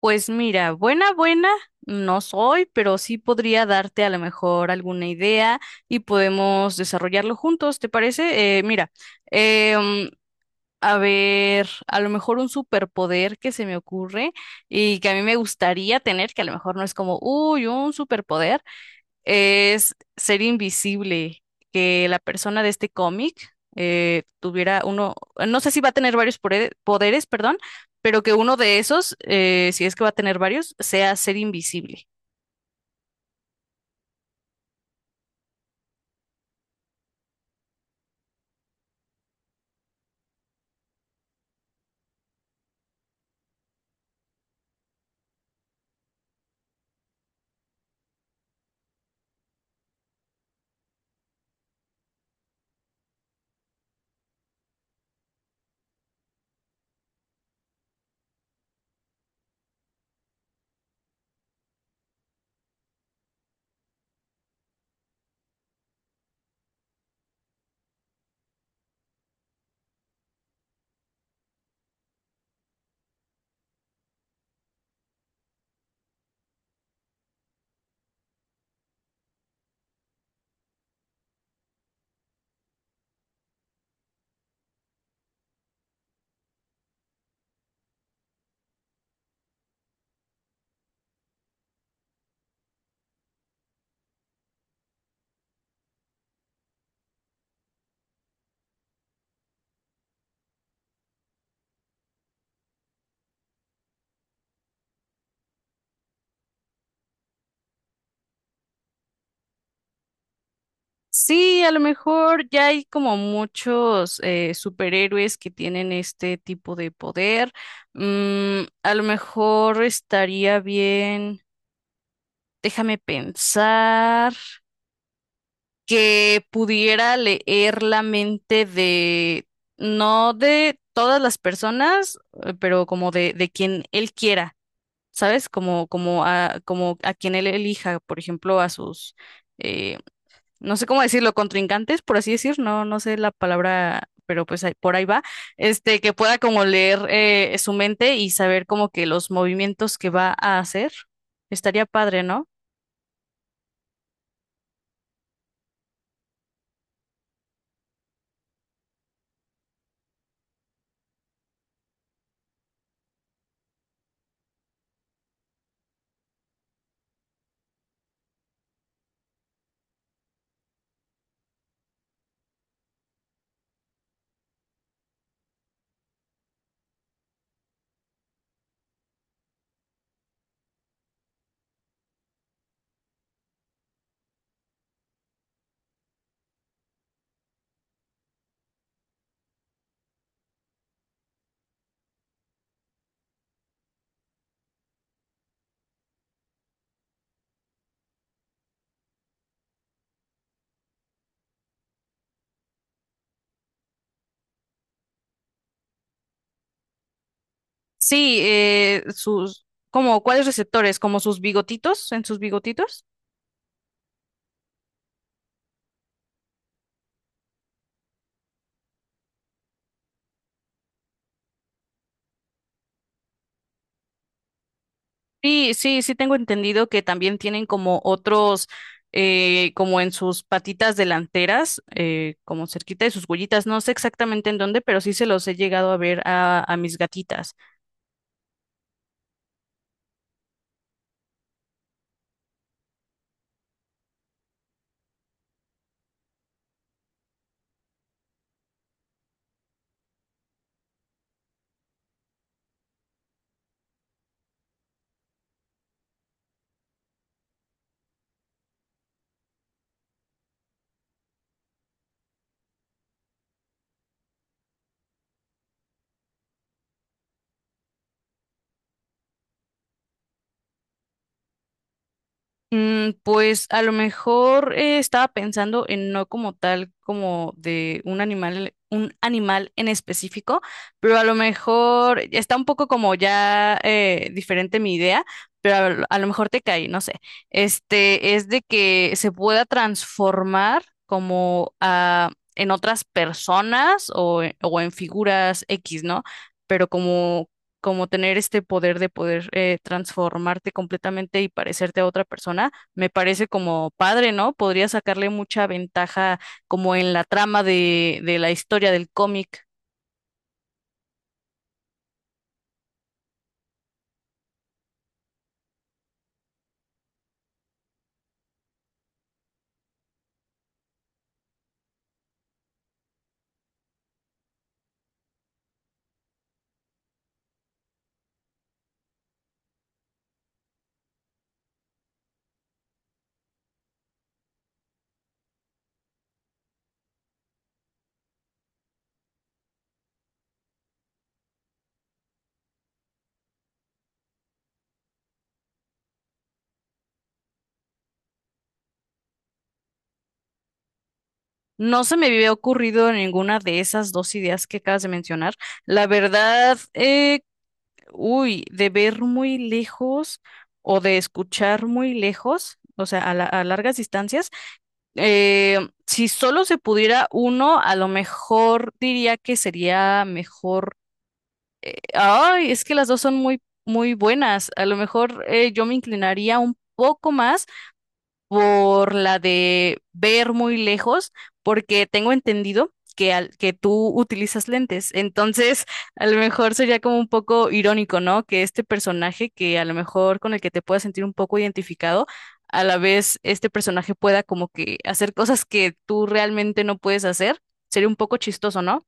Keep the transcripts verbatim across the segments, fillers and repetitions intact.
Pues mira, buena, buena, no soy, pero sí podría darte a lo mejor alguna idea y podemos desarrollarlo juntos, ¿te parece? Eh, mira, eh, mm, a ver, a lo mejor un superpoder que se me ocurre y que a mí me gustaría tener, que a lo mejor no es como, uy, un superpoder, es ser invisible, que la persona de este cómic eh, tuviera uno. No sé si va a tener varios pore- poderes, perdón, pero que uno de esos, eh, si es que va a tener varios, sea ser invisible. Sí, a lo mejor ya hay como muchos eh, superhéroes que tienen este tipo de poder. Mm, a lo mejor estaría bien, déjame pensar. Que pudiera leer la mente de, no de todas las personas, eh, pero como de, de quien él quiera, ¿sabes? Como, como a, como a quien él elija, por ejemplo, a sus, eh, no sé cómo decirlo, contrincantes, por así decir, no, no sé la palabra, pero pues ahí- por ahí va, este, que pueda como leer eh, su mente y saber como que los movimientos que va a hacer. Estaría padre, ¿no? Sí, eh, sus, como, ¿cuáles receptores? ¿Como sus bigotitos? ¿En sus bigotitos? Sí, sí, sí tengo entendido que también tienen como otros, eh, como en sus patitas delanteras, eh, como cerquita de sus huellitas. No sé exactamente en dónde, pero sí se los he llegado a ver a, a mis gatitas. Mm, pues a lo mejor eh, estaba pensando en no como tal, como de un animal, un animal en específico, pero a lo mejor está un poco como ya eh, diferente mi idea, pero a, lo a lo mejor te cae, no sé. Este es de que se pueda transformar como a, en otras personas o, en- o en figuras X, ¿no? Pero como como tener este poder de poder eh, transformarte completamente y parecerte a otra persona, me parece como padre, ¿no? Podría sacarle mucha ventaja como en la trama de, de la historia del cómic. No se me había ocurrido ninguna de esas dos ideas que acabas de mencionar. La verdad, eh, uy, de ver muy lejos o de escuchar muy lejos, o sea, a la- a largas distancias. Eh, si solo se pudiera uno, a lo mejor diría que sería mejor. Ay, es que las dos son muy, muy buenas. A lo mejor eh, yo me inclinaría un poco más por la de ver muy lejos, porque tengo entendido que, al- que tú utilizas lentes. Entonces, a lo mejor sería como un poco irónico, ¿no? Que este personaje, que a lo mejor con el que te puedas sentir un poco identificado, a la vez este personaje pueda como que hacer cosas que tú realmente no puedes hacer. Sería un poco chistoso, ¿no?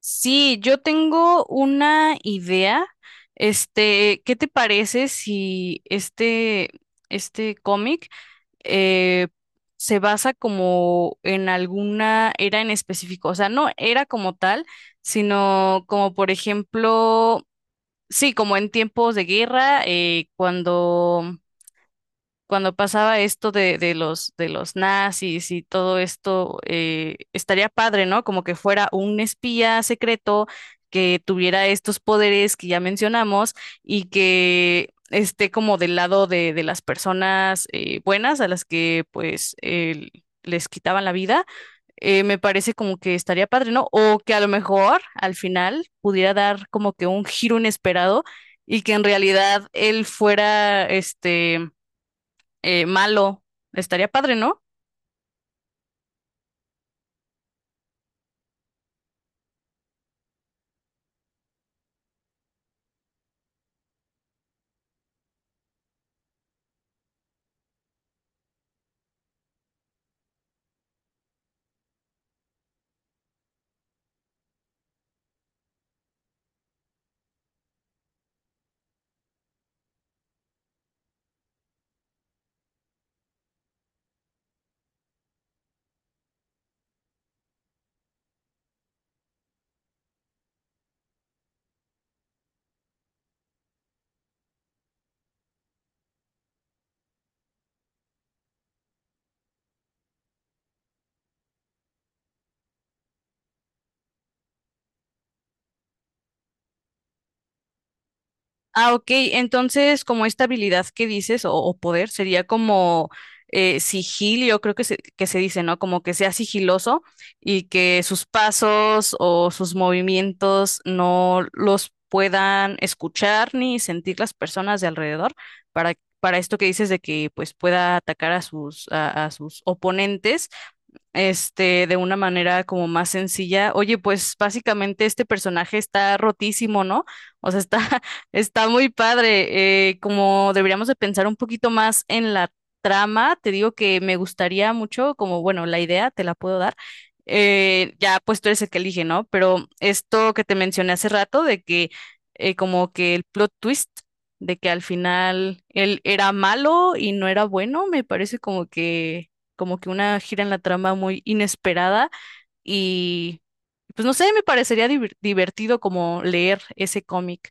Sí, yo tengo una idea. Este, ¿qué te parece si este, este cómic eh, se basa como en alguna era en específico? O sea, no era como tal, sino como por ejemplo, sí, como en tiempos de guerra, eh, cuando cuando pasaba esto de, de los, de los nazis y todo esto, eh, estaría padre, ¿no? Como que fuera un espía secreto que tuviera estos poderes que ya mencionamos y que esté como del lado de, de las personas eh, buenas a las que pues el- les quitaban la vida. Eh, me parece como que estaría padre, ¿no? O que a lo mejor al final pudiera dar como que un giro inesperado y que en realidad él fuera este eh, malo. Estaría padre, ¿no? Ah, ok. Entonces, como esta habilidad que dices, o, o poder, sería como eh, sigilio, creo que se, que se dice, ¿no? Como que sea sigiloso y que sus pasos o sus movimientos no los puedan escuchar ni sentir las personas de alrededor para, para esto que dices de que pues pueda atacar a sus, a a sus oponentes este, de una manera como más sencilla. Oye, pues básicamente este personaje está rotísimo, ¿no? O sea, está, está muy padre. Eh, como deberíamos de pensar un poquito más en la trama, te digo que me gustaría mucho, como bueno, la idea te la puedo dar. Eh, ya, pues tú eres el que elige, ¿no? Pero esto que te mencioné hace rato de que eh, como que el plot twist de que al final él era malo y no era bueno, me parece como que como que una gira en la trama muy inesperada, y pues no sé, me parecería divir- divertido como leer ese cómic.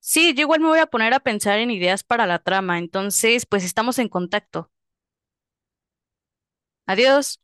Sí, yo igual me voy a poner a pensar en ideas para la trama, entonces pues estamos en contacto. Adiós.